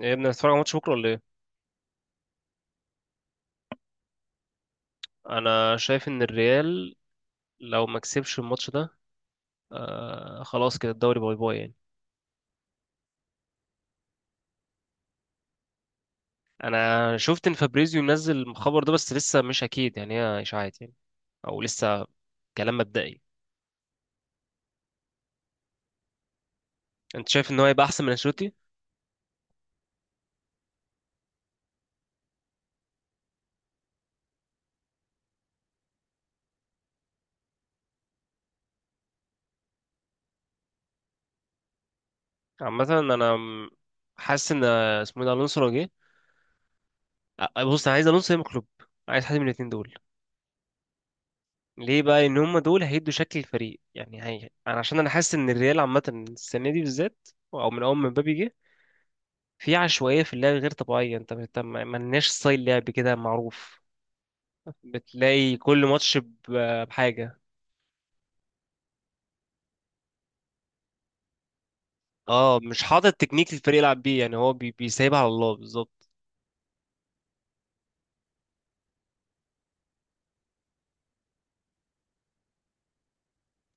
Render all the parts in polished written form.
ايه يا ابني، هتتفرج على ماتش بكره ولا ايه؟ انا شايف ان الريال لو ما كسبش الماتش ده، آه خلاص كده الدوري باي باي يعني. انا شفت ان فابريزيو منزل الخبر ده، بس لسه مش اكيد يعني، هي اشاعات يعني، او لسه كلام مبدئي. انت شايف ان هو هيبقى احسن من انشيلوتي؟ عامه انا حاسس ان، اسمه إيه ده، الونسو لو جه. بص انا عايز الونسو يا إما كلوب، عايز حد من الاثنين دول. ليه بقى ان هم دول هيدوا شكل الفريق يعني، انا عشان انا حاسس ان الريال عامه السنه دي بالذات، او من اول ما مبابي جه، في عشوائية في اللعب غير طبيعية. انت ما لناش ستايل لعب كده معروف. بتلاقي كل ماتش بحاجة. اه مش حاطط تكنيك الفريق يلعب بيه، يعني هو بيسيبها على الله بالظبط.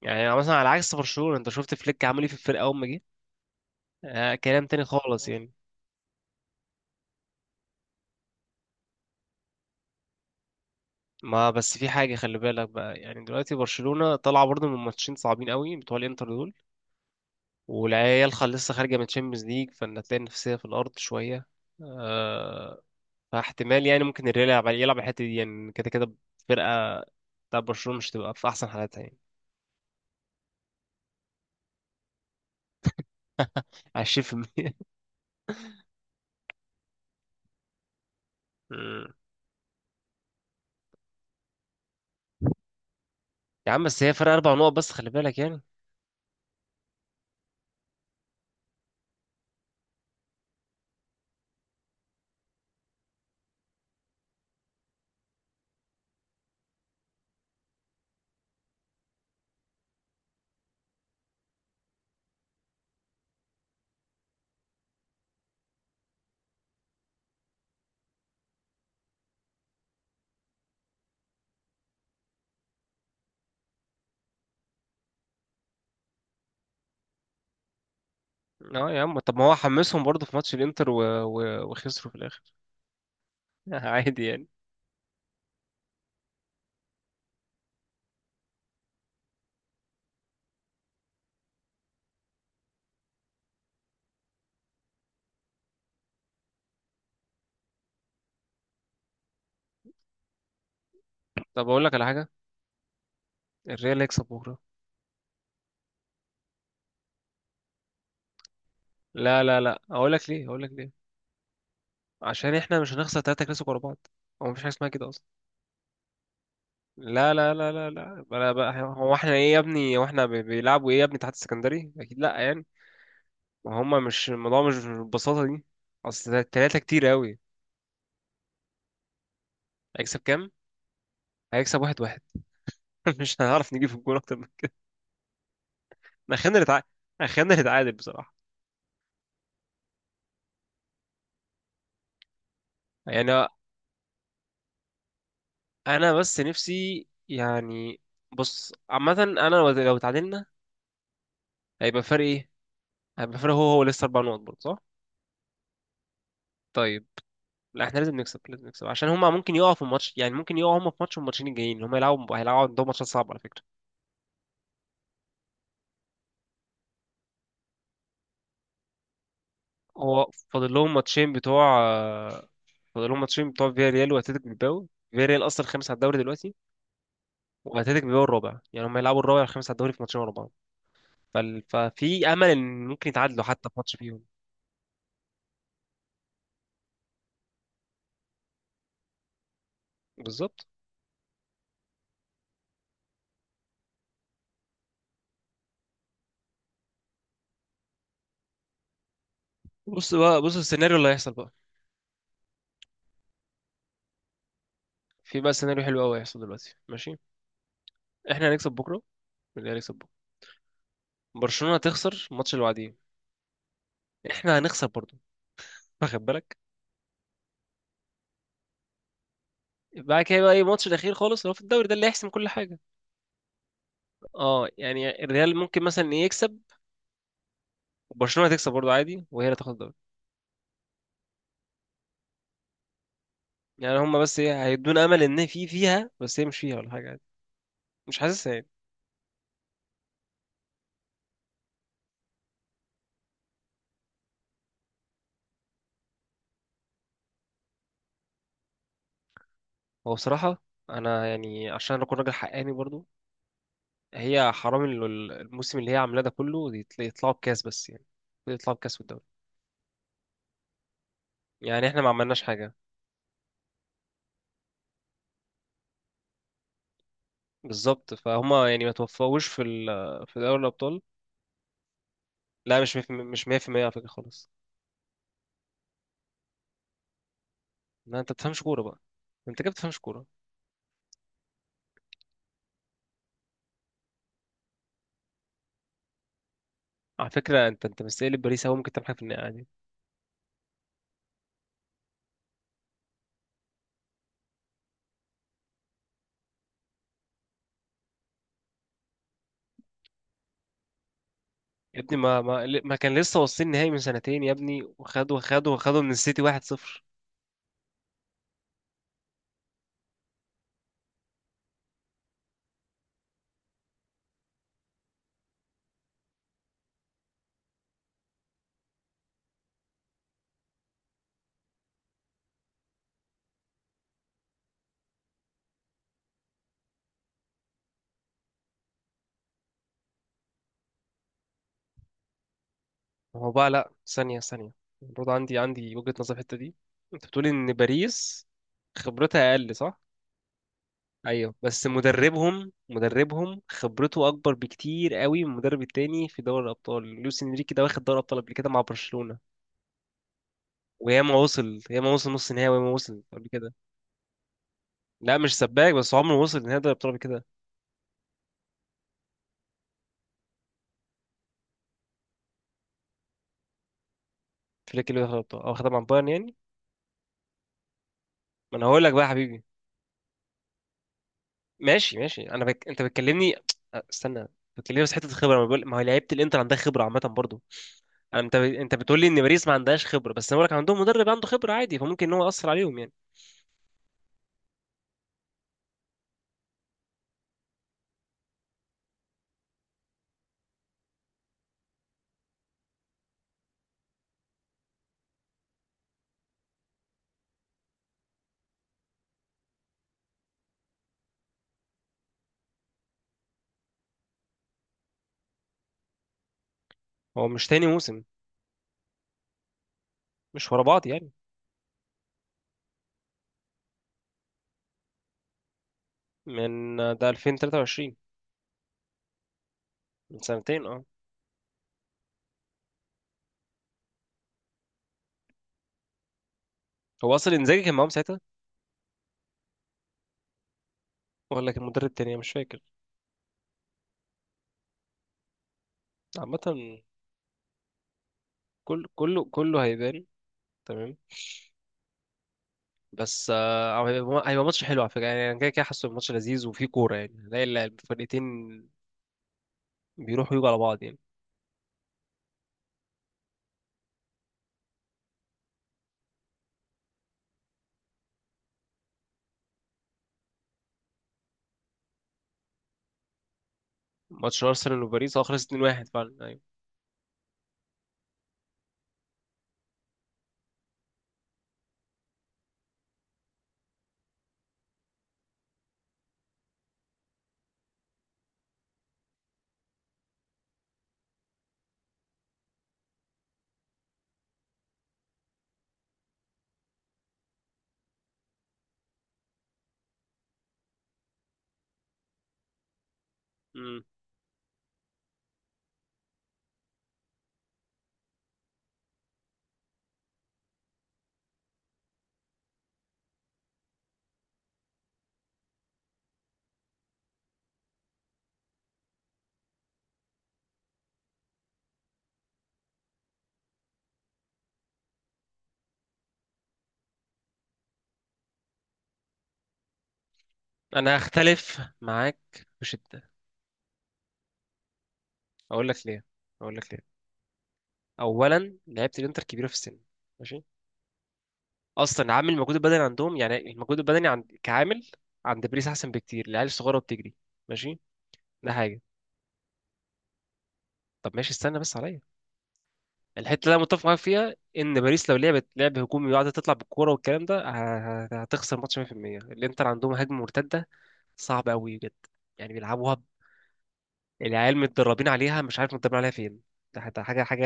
يعني مثلا على عكس برشلونة، انت شفت فليك عمل ايه في الفرقة اول ما جه، آه كلام تاني خالص يعني. ما بس في حاجة خلي بالك بقى، يعني دلوقتي برشلونة طالعة برضه من ماتشين صعبين قوي بتوع الانتر دول، والعيال لسه خارجة من تشامبيونز ليج، فان هتلاقي النفسية في الأرض شوية. آه، فاحتمال يعني ممكن الريال يلعب الحتة دي يعني، كده كده فرقة بتاع برشلونة مش تبقى في أحسن حالاتها يعني. 20%. مم. يا عم بس هي فرق 4 نقط بس، خلي بالك يعني. اه يا عم، طب ما هو حمسهم برضه في ماتش الانتر وخسروا في الآخر. عادي يعني. طب أقول لك على حاجة، الريال هيكسب بكرة. لا لا لا، أقول لك ليه، أقول لك ليه. عشان إحنا مش هنخسر 3 كلاسيكو ورا بعض، هو مفيش حاجة اسمها كده أصلا. لا لا لا لا لا، بلا بقى، هو احنا ايه يا ابني؟ هو احنا بيلعبوا ايه يا ابني؟ تحت السكندري؟ أكيد لا يعني. ما هما مش الموضوع، مش بالبساطة دي، أصل التلاتة كتير أوي. هيكسب كام؟ هيكسب 1-1. مش هنعرف نجيب في الجون أكتر من كده. أنا خلينا نتعادل، أنا خلينا نتعادل بصراحة، يعني. أنا بس نفسي يعني. بص عامة، أنا لو اتعادلنا، هيبقى فرق إيه؟ هيبقى فرق هو هو لسه 4 نقط برضه صح؟ طيب. لا، احنا لازم نكسب، لازم نكسب، عشان هما ممكن يقعوا في الماتش يعني، ممكن يقعوا هما في ماتش، والماتشين الجايين هما يلعبوا، هيلعبوا عندهم ماتشات صعبة على فكرة. هو فاضل لهم ماتشين بتوع فاضل لهم ماتشين بتوع فياريال واتلتيك بالباو. فياريال اصلا خامس على الدوري دلوقتي، واتلتيك بالباو الرابع، يعني هم يلعبوا الرابع والخامس على الدوري في ماتشين ورا بعض. ففي امل ان ممكن يتعادلوا حتى في ماتش فيهم. بالظبط. بص بقى، بص السيناريو اللي هيحصل بقى، في بقى سيناريو حلو قوي هيحصل دلوقتي، ماشي. احنا هنكسب بكره، والريال هيكسب بكره، برشلونه هتخسر الماتش اللي بعديه، احنا هنخسر برضه، واخد بالك؟ بعد كده بقى ايه الماتش الاخير خالص اللي هو في الدوري، ده اللي هيحسم كل حاجه. اه يعني الريال ممكن مثلا إيه يكسب، وبرشلونه هتكسب برضه عادي، وهي اللي تاخد الدوري. يعني هم بس ايه، هيدونا امل ان في فيها، بس هي مش فيها ولا حاجه عادي، مش حاسسها يعني. هو بصراحه، انا يعني عشان اكون راجل حقاني برضو، هي حرام، الموسم اللي هي عاملاه ده كله، يطلعوا بكاس بس يعني، يطلعوا بكاس في الدوري. يعني احنا ما عملناش حاجه بالظبط، فهم يعني ما توفقوش في في دوري الابطال. لا مش مية مش 100% على فكره خالص. لا انت بتفهمش كوره بقى، انت كده بتفهمش كوره. على فكره انت مستقل باريس، هو ممكن تعمل حاجه في النهائي عادي. يا ابني ما كان لسه واصلين نهائي من سنتين يا ابني، وخدوا خدوا خدوا من السيتي 1-0. هو بقى، لا، ثانية ثانية، برضه عندي وجهة نظر في الحتة دي. انت بتقول ان باريس خبرتها اقل صح؟ ايوه بس مدربهم خبرته اكبر بكتير قوي من المدرب التاني في دوري الابطال، لويس انريكي ده واخد دوري الابطال قبل كده مع برشلونة، وياما وصل، ياما وصل نص نهائي، وياما وصل قبل كده. لا مش سباك، بس عمره ما وصل نهائي دوري الابطال قبل كده. فليك اللي واخد الابطال او واخدها مع بايرن يعني. ما انا هقول لك بقى يا حبيبي، ماشي ماشي، انت بتكلمني، استنى. بتكلمني في حته الخبره، ما بقول، ما هو لعيبه الانتر عندها خبره عامه برضو. انت بتقول لي ان باريس ما عندهاش خبره، بس انا بقول لك عندهم مدرب عنده خبره عادي، فممكن ان هو ياثر عليهم يعني. هو مش تاني موسم، مش ورا بعض يعني. من ده 2023، من سنتين اه. هو اصلا انزاجي كان معاهم ساعتها، ولا كان مدرب تاني أنا مش فاكر. عامه كل كله كله هيبان، تمام. بس هو هيبقى ماتش حلو على فكره يعني، انا كده كده حاسه الماتش لذيذ وفيه كوره يعني، هنلاقي الفرقتين بيروحوا يجوا على بعض يعني. ماتش ارسنال وباريس اه خلص 2-1 فعلا، ايوه. مم. انا هختلف معاك بشده، اقول لك ليه، اقول لك ليه. اولا لعيبه الانتر كبيره في السن، ماشي، اصلا عامل المجهود البدني عندهم، يعني المجهود البدني عند كعامل، عند باريس احسن بكتير، العيال الصغيره بتجري، ماشي، ده حاجه. طب ماشي، استنى بس عليا. الحته اللي انا متفق معاك فيها ان باريس لو لعبت لعب هجومي وقعدت تطلع بالكوره والكلام ده، هتخسر ماتش 100%. الانتر عندهم هجمه مرتده صعبه قوي بجد، يعني بيلعبوها، العيال متدربين عليها مش عارف متدربين عليها فين، ده حتى حاجه حاجه.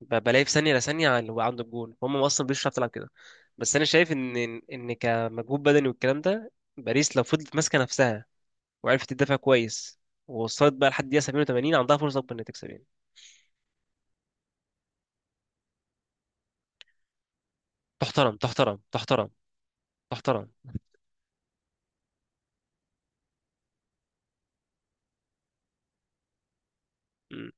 بلاقي في ثانيه لثانيه اللي هو عنده الجون، هم اصلا مش بتعرف تلعب كده. بس انا شايف ان، ان كمجهود بدني والكلام ده، باريس لو فضلت ماسكه نفسها وعرفت تدافع كويس، ووصلت بقى لحد دقيقه 87، عندها فرصه اكبر انها تكسب يعني. تحترم تحترم تحترم، تحترم. مم.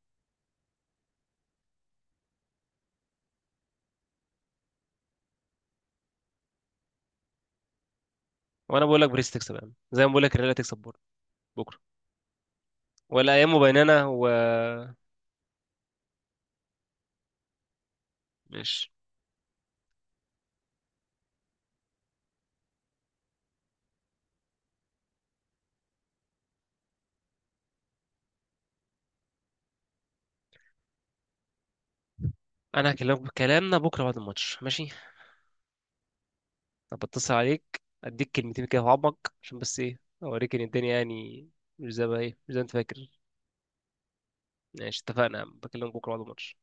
وانا بقول لك باريس تكسب، يعني زي ما بقول لك الريال تكسب بكره. بكره ولا ايام بيننا ماشي. انا هكلمك بكلامنا بكره بعد الماتش، ماشي؟ طب اتصل عليك اديك كلمتين كده في عمق، عشان بس ايه، اوريك ان الدنيا يعني مش زي ما هي، مش زي ما انت فاكر. ماشي، اتفقنا يا عم. بكلمك بكره بعد الماتش.